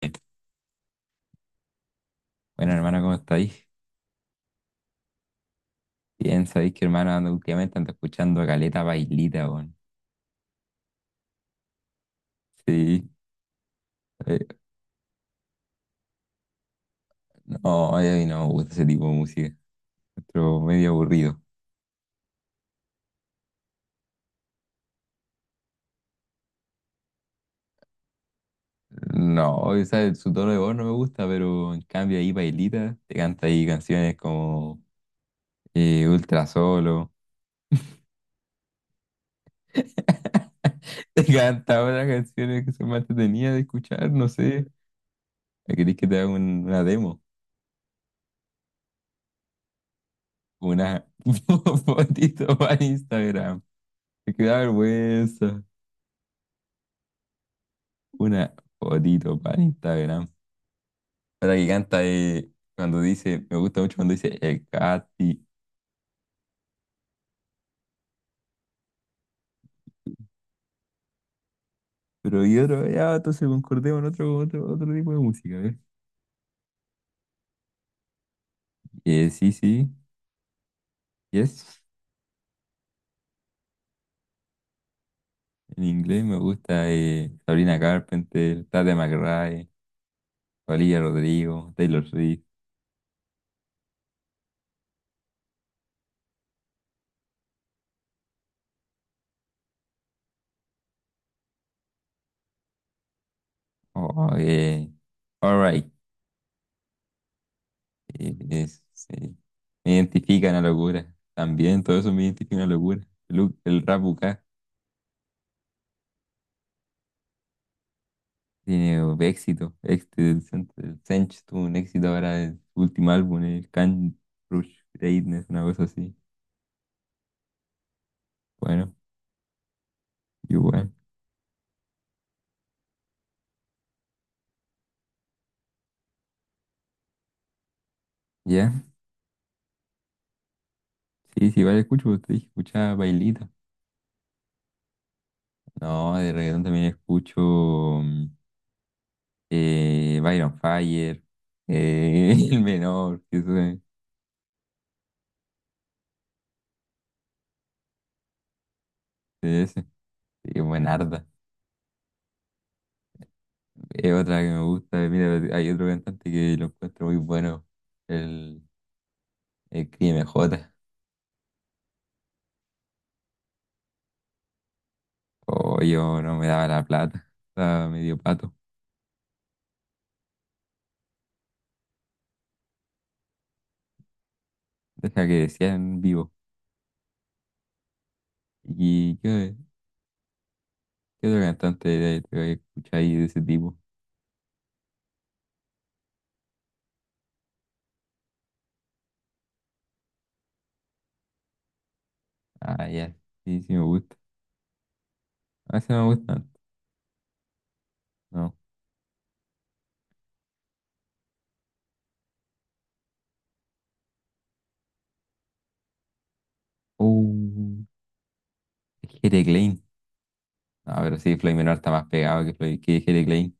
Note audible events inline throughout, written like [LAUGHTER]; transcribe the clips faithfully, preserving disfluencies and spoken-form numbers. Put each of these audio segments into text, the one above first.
Este, Bueno, hermano, ¿cómo estáis? Bien, sabéis que hermano, ando- últimamente ando escuchando a Caleta Bailita, weón. Sí. eh, no, a mí no me gusta ese tipo de música. Pero medio aburrido. No, o sea, su tono de voz no me gusta, pero en cambio ahí Bailita te canta ahí canciones como eh, Ultra Solo. [LAUGHS] Te canta otras canciones que son más entretenidas de escuchar, no sé. ¿Queréis que te haga un- una demo? Una [LAUGHS] fotito para Instagram. Me da vergüenza. Una fotito para Instagram. Otra que canta eh, cuando dice, me gusta mucho cuando dice el Katy. Pero y otro, ya, entonces concordemos en otro, otro, otro tipo de música, ¿eh? Eh, sí, sí, yes. En inglés me gusta eh, Sabrina Carpenter, Tata McRae, Olivia Rodrigo, Taylor Swift. Oh, eh, alright. Eh, es- sí. Me identifica una locura. También todo eso me identifica una locura. El, el rap U K. Tiene éxito. Este del Cent- el Sench tuvo un éxito ahora el último álbum, el Can Rush Greatness, una cosa así. Bueno, igual. ¿Ya? Sí, sí, vale, escucho, pues, te dije, escuchaba Bailita. No, de reggaetón también escucho mm, eh, Byron Fire, eh, [LAUGHS] El Menor, que eso ese. Sí, Buenarda. Es otra que me gusta. Mira, hay otro cantante que lo encuentro muy bueno, el, el K M J. O yo no me daba la plata, estaba medio pato. Deja que decían vivo. ¿Y qué, qué otro cantante de- te voy de ese tipo? Ah, ya, sí, sí me gusta. A veces no me gusta, no. Uh, Jere Klein. No, pero sí, Floyd Menor está más pegado que Floyd, que Jere Klein.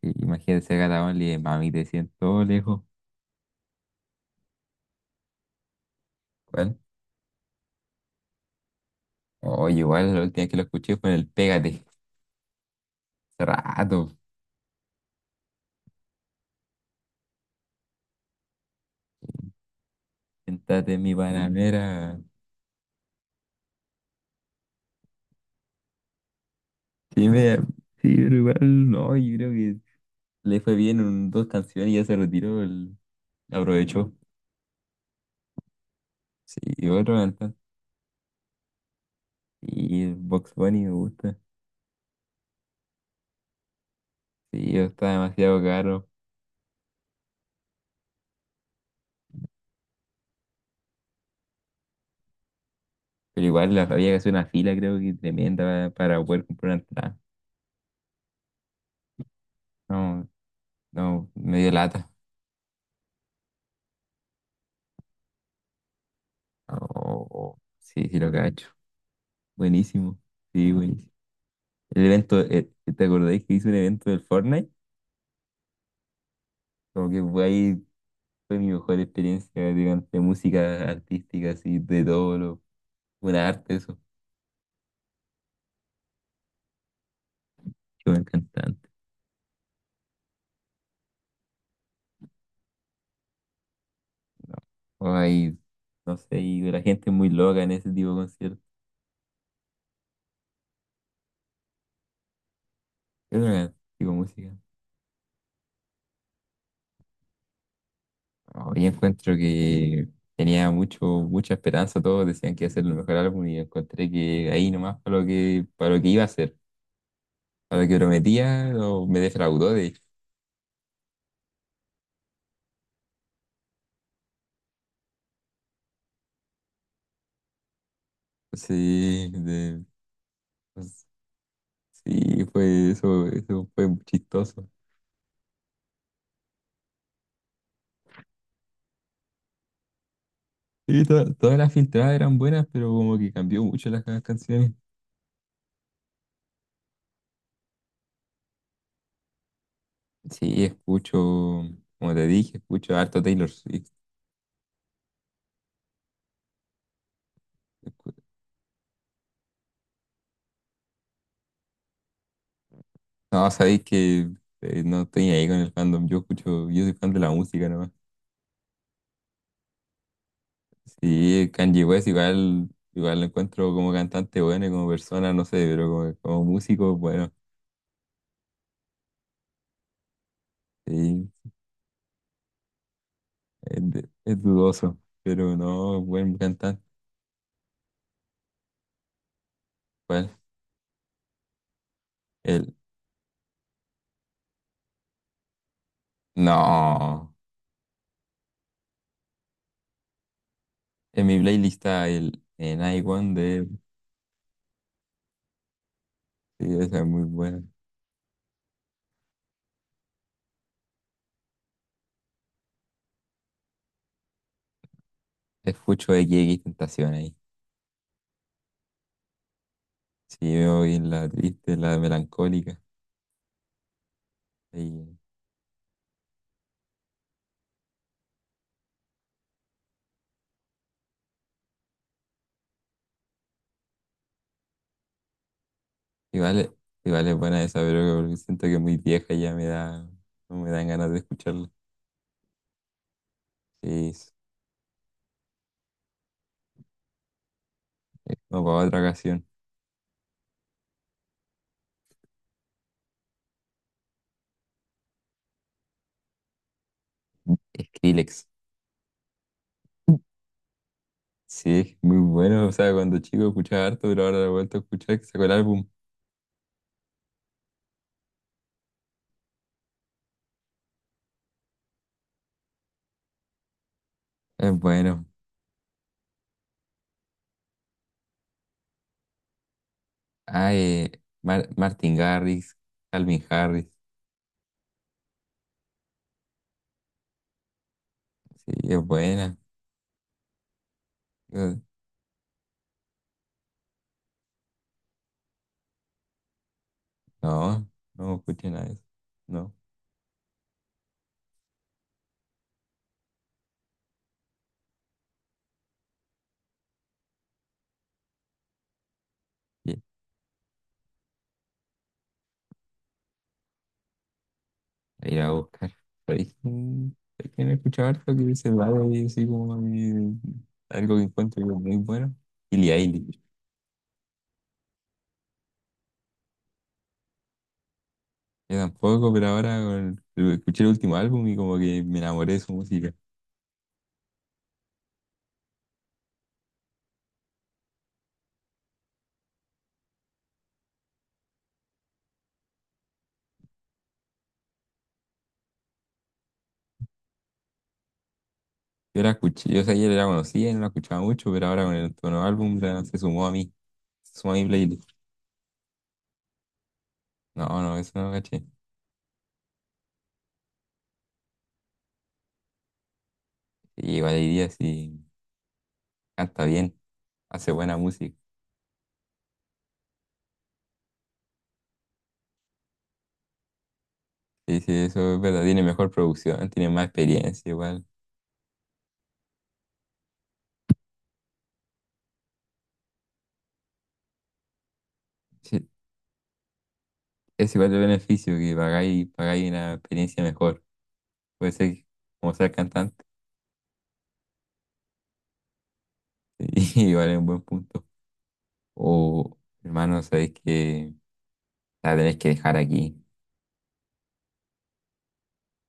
Sí, imagínate ser Gata Only de mami, te siento lejos. ¿Cuál? Oye, igual la última vez que lo escuché fue en el Pégate. Hace rato. Siéntate en mi panamera. Sí, me, Sí, pero igual no, yo creo que le fue bien en dos canciones y ya se retiró, el, aprovechó. Sí, y otro cantante. Y Box Bunny me gusta. Sí, yo estaba demasiado caro. Pero igual la- había que hacer una fila, creo que tremenda para, para poder comprar una entrada. No, no, medio lata. Oh, sí, sí lo cacho. Buenísimo. Sí, buenísimo. El evento, eh, ¿te acordáis que hice un evento del Fortnite? Como que fue ahí, fue mi mejor experiencia digamos, de música artística, así, de todo lo, buena arte, eso, que me encanta. No. O hay, no sé, y la gente es muy loca en ese tipo de conciertos. Es una tipo de música. Hoy encuentro que tenía mucho, mucha esperanza, todos decían que iba a ser el mejor álbum y encontré que ahí nomás para lo que, para lo que iba a ser, para lo que prometía, o me defraudó de hecho. Sí, de- pues, sí, fue eso, eso fue chistoso. Sí, to- todas las filtradas eran buenas, pero como que cambió mucho las ca- canciones. Sí, escucho, como te dije, escucho harto Taylor Swift. Escu- No, sabéis que eh, no estoy ahí con el fandom. Yo escucho, yo soy fan de la música nomás. Sí, Kanye West igual, igual lo encuentro como cantante bueno y como persona, no sé, pero como, como músico, bueno, sí, es, de- es dudoso. Pero no, buen cantante. ¿Cuál? El, no. En mi playlist está el en I One de. Sí, esa es muy buena. Escucho de Tentación ahí. Sí, me voy en la triste, en la melancólica. Igual, es- Igual es buena esa, pero porque siento que es muy vieja y ya me da, no me dan ganas de escucharla. Sí, es- no, para otra ocasión. Skrillex. Sí, muy bueno. O sea, cuando chico escuchaba harto, pero ahora lo he vuelto a escuchar, que sacó el álbum. Es bueno. Ah, eh, Mar- Martin Garrix, Calvin Harris. Sí, es buena. Eh, No, no escuché nada de eso. No. A ir a buscar. Pero es que es que me he escuchado harto que se va de así como de- algo que encuentro que es muy bueno. Billie Eilish. Yo tampoco, pero ahora con el- escuché el último álbum y como que me enamoré de su música. Yo la escuché, yo ayer la conocía y no la escuchaba mucho, pero ahora con el nuevo álbum la- se sumó a mí. Se sumó a mi playlist. No, no, eso no lo caché. Y igual diría si canta bien, hace buena música. Sí, sí, eso es verdad, tiene mejor producción, tiene más experiencia igual. Sí, es igual de beneficio que pagáis, pagáis una experiencia mejor. Puede ser que, como ser cantante. [LAUGHS] Y igual es un buen punto. O, hermano, sabéis que la tenés que dejar aquí.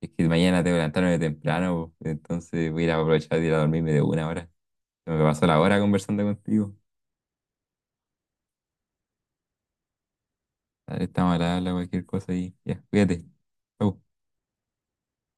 Es que mañana tengo que levantarme temprano, po. Entonces voy a ir a aprovechar de ir a dormirme de una hora. Se me pasó la hora conversando contigo. Dale, estamos a la habla, cualquier cosa y ya, cuídate. Chau.